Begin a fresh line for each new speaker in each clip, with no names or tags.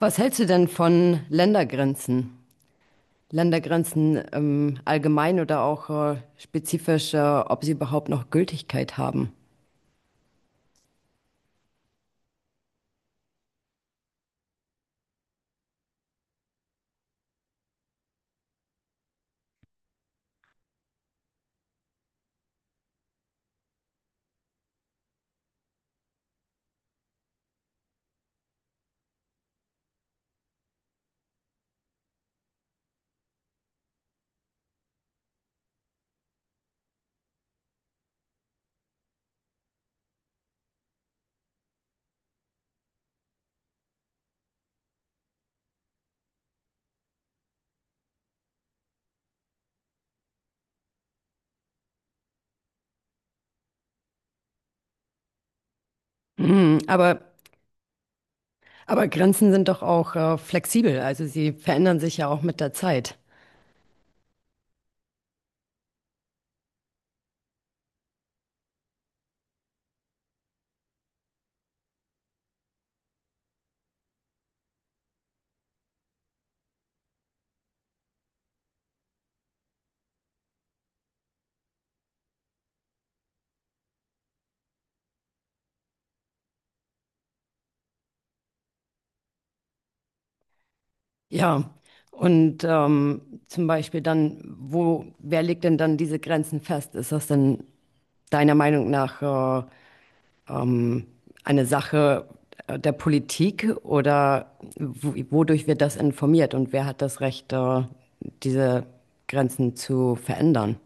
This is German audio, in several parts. Was hältst du denn von Ländergrenzen? Ländergrenzen allgemein oder auch spezifisch, ob sie überhaupt noch Gültigkeit haben? Mhm, aber, aber Grenzen sind doch auch flexibel, also sie verändern sich ja auch mit der Zeit. Ja, und zum Beispiel dann, wer legt denn dann diese Grenzen fest? Ist das denn deiner Meinung nach ähm, eine Sache der Politik, oder wodurch wird das informiert und wer hat das Recht, diese Grenzen zu verändern?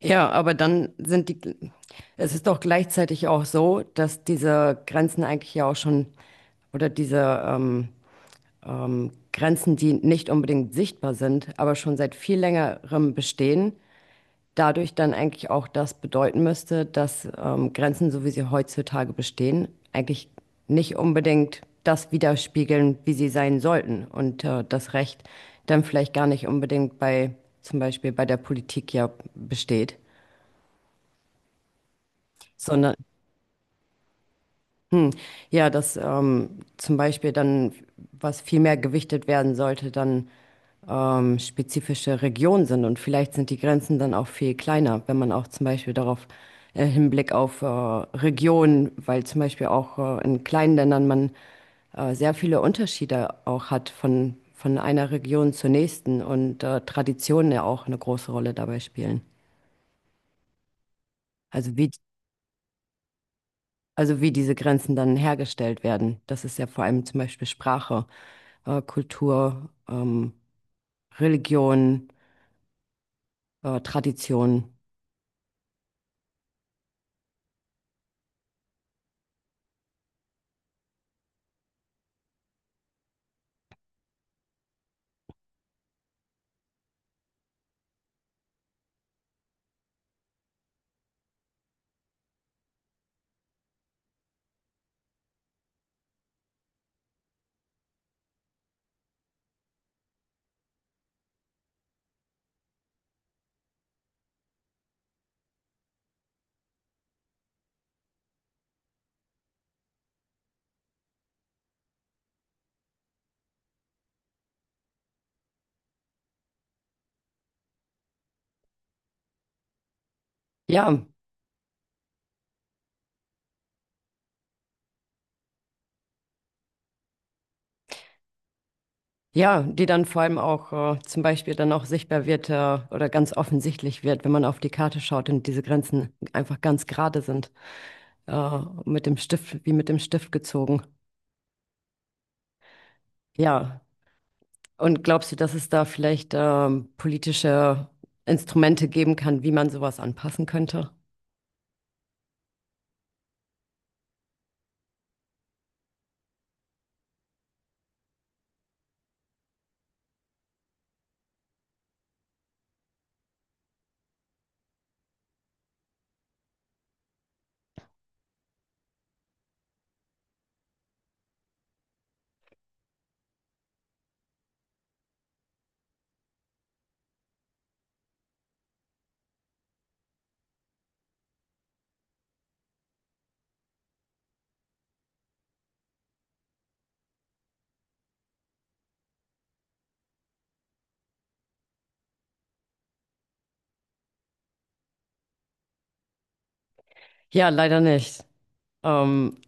Ja, aber dann sind die, Es ist doch gleichzeitig auch so, dass diese Grenzen eigentlich ja auch schon, oder diese Grenzen, die nicht unbedingt sichtbar sind, aber schon seit viel längerem bestehen, dadurch dann eigentlich auch das bedeuten müsste, dass Grenzen, so wie sie heutzutage bestehen, eigentlich nicht unbedingt das widerspiegeln, wie sie sein sollten. Und das Recht dann vielleicht gar nicht unbedingt zum Beispiel bei der Politik ja besteht, sondern Hm. Ja, dass zum Beispiel dann, was viel mehr gewichtet werden sollte, dann spezifische Regionen sind. Und vielleicht sind die Grenzen dann auch viel kleiner, wenn man auch zum Beispiel darauf Hinblick auf Regionen, weil zum Beispiel auch in kleinen Ländern man sehr viele Unterschiede auch hat von einer Region zur nächsten, und Traditionen ja auch eine große Rolle dabei spielen. Also wie Also wie diese Grenzen dann hergestellt werden. Das ist ja vor allem zum Beispiel Sprache, Kultur, Religion, Tradition. Ja, ja, die dann vor allem auch zum Beispiel dann auch sichtbar wird, oder ganz offensichtlich wird, wenn man auf die Karte schaut und diese Grenzen einfach ganz gerade sind, wie mit dem Stift gezogen. Ja, und glaubst du, dass es da vielleicht politische Instrumente geben kann, wie man sowas anpassen könnte? Ja, leider nicht. Ähm,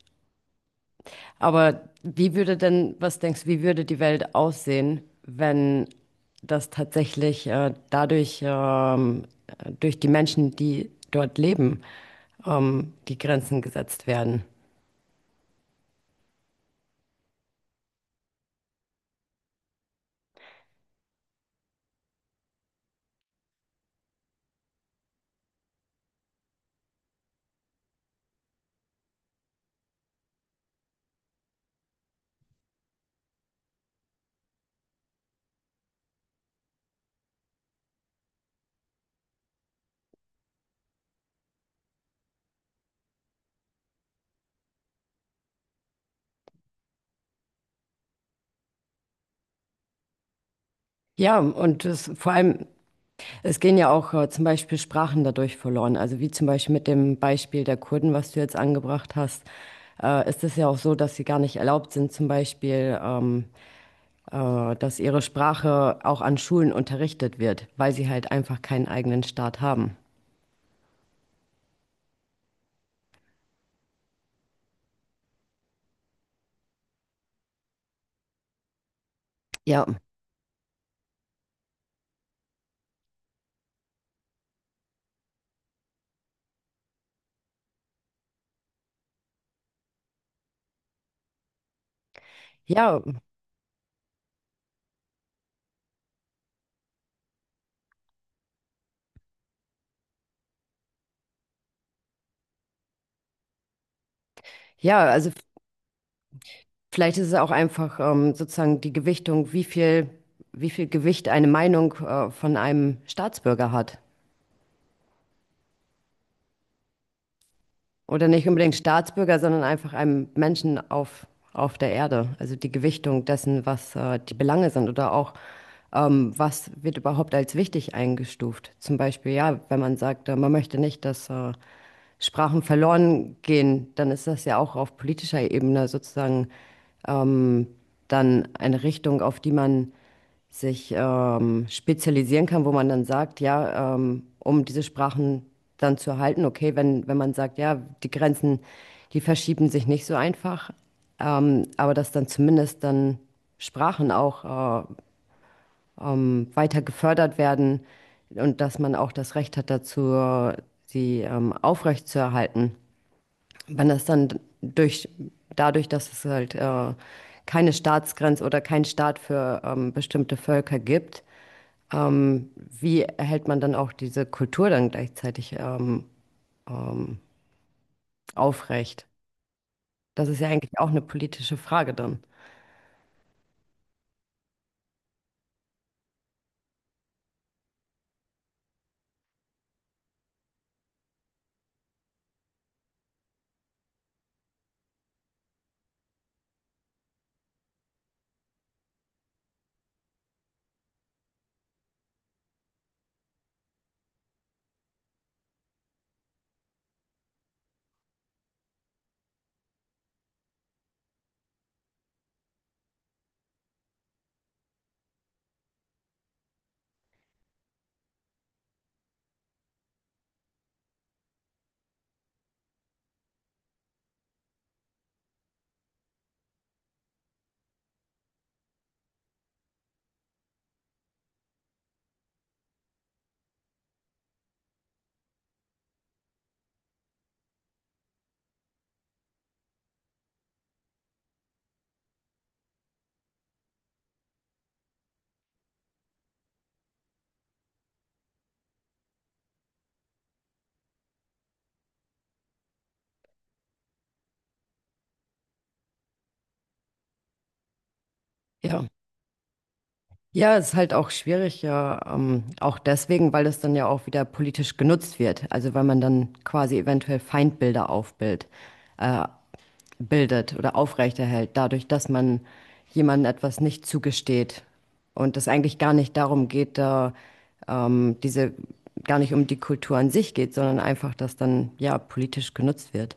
aber wie würde denn, was denkst du, wie würde die Welt aussehen, wenn das tatsächlich durch die Menschen, die dort leben, die Grenzen gesetzt werden? Ja, und vor allem, es gehen ja auch zum Beispiel Sprachen dadurch verloren. Also wie zum Beispiel mit dem Beispiel der Kurden, was du jetzt angebracht hast, ist es ja auch so, dass sie gar nicht erlaubt sind, zum Beispiel dass ihre Sprache auch an Schulen unterrichtet wird, weil sie halt einfach keinen eigenen Staat haben. Ja, ja, ja, also vielleicht ist es auch einfach sozusagen die Gewichtung, wie viel Gewicht eine Meinung von einem Staatsbürger hat. Oder nicht unbedingt Staatsbürger, sondern einfach einem Menschen auf der Erde. Also die Gewichtung dessen, was die Belange sind oder auch, was wird überhaupt als wichtig eingestuft. Zum Beispiel, ja, wenn man sagt, man möchte nicht, dass Sprachen verloren gehen, dann ist das ja auch auf politischer Ebene sozusagen ähm, dann eine Richtung, auf die man sich spezialisieren kann, wo man dann sagt, ja, um diese Sprachen dann zu erhalten, okay, wenn man sagt, ja, die Grenzen, die verschieben sich nicht so einfach, aber dass dann zumindest dann Sprachen auch weiter gefördert werden und dass man auch das Recht hat dazu, sie aufrechtzuerhalten. Wenn das dann durch, dadurch, dass es halt keine Staatsgrenze oder keinen Staat für bestimmte Völker gibt, wie erhält man dann auch diese Kultur dann gleichzeitig ähm, aufrecht? Das ist ja eigentlich auch eine politische Frage dann. Ja. Ja, ist halt auch schwierig, ja, auch deswegen, weil es dann ja auch wieder politisch genutzt wird. Also weil man dann quasi eventuell Feindbilder aufbildet, äh, bildet oder aufrechterhält, dadurch, dass man jemandem etwas nicht zugesteht und es eigentlich gar nicht darum geht, da diese gar nicht um die Kultur an sich geht, sondern einfach, dass dann ja politisch genutzt wird.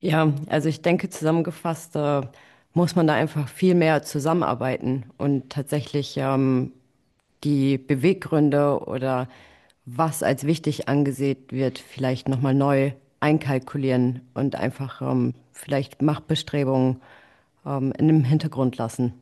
Ja, also ich denke, zusammengefasst, muss man da einfach viel mehr zusammenarbeiten und tatsächlich die Beweggründe oder was als wichtig angesehen wird, vielleicht nochmal neu einkalkulieren und einfach vielleicht Machtbestrebungen in dem Hintergrund lassen.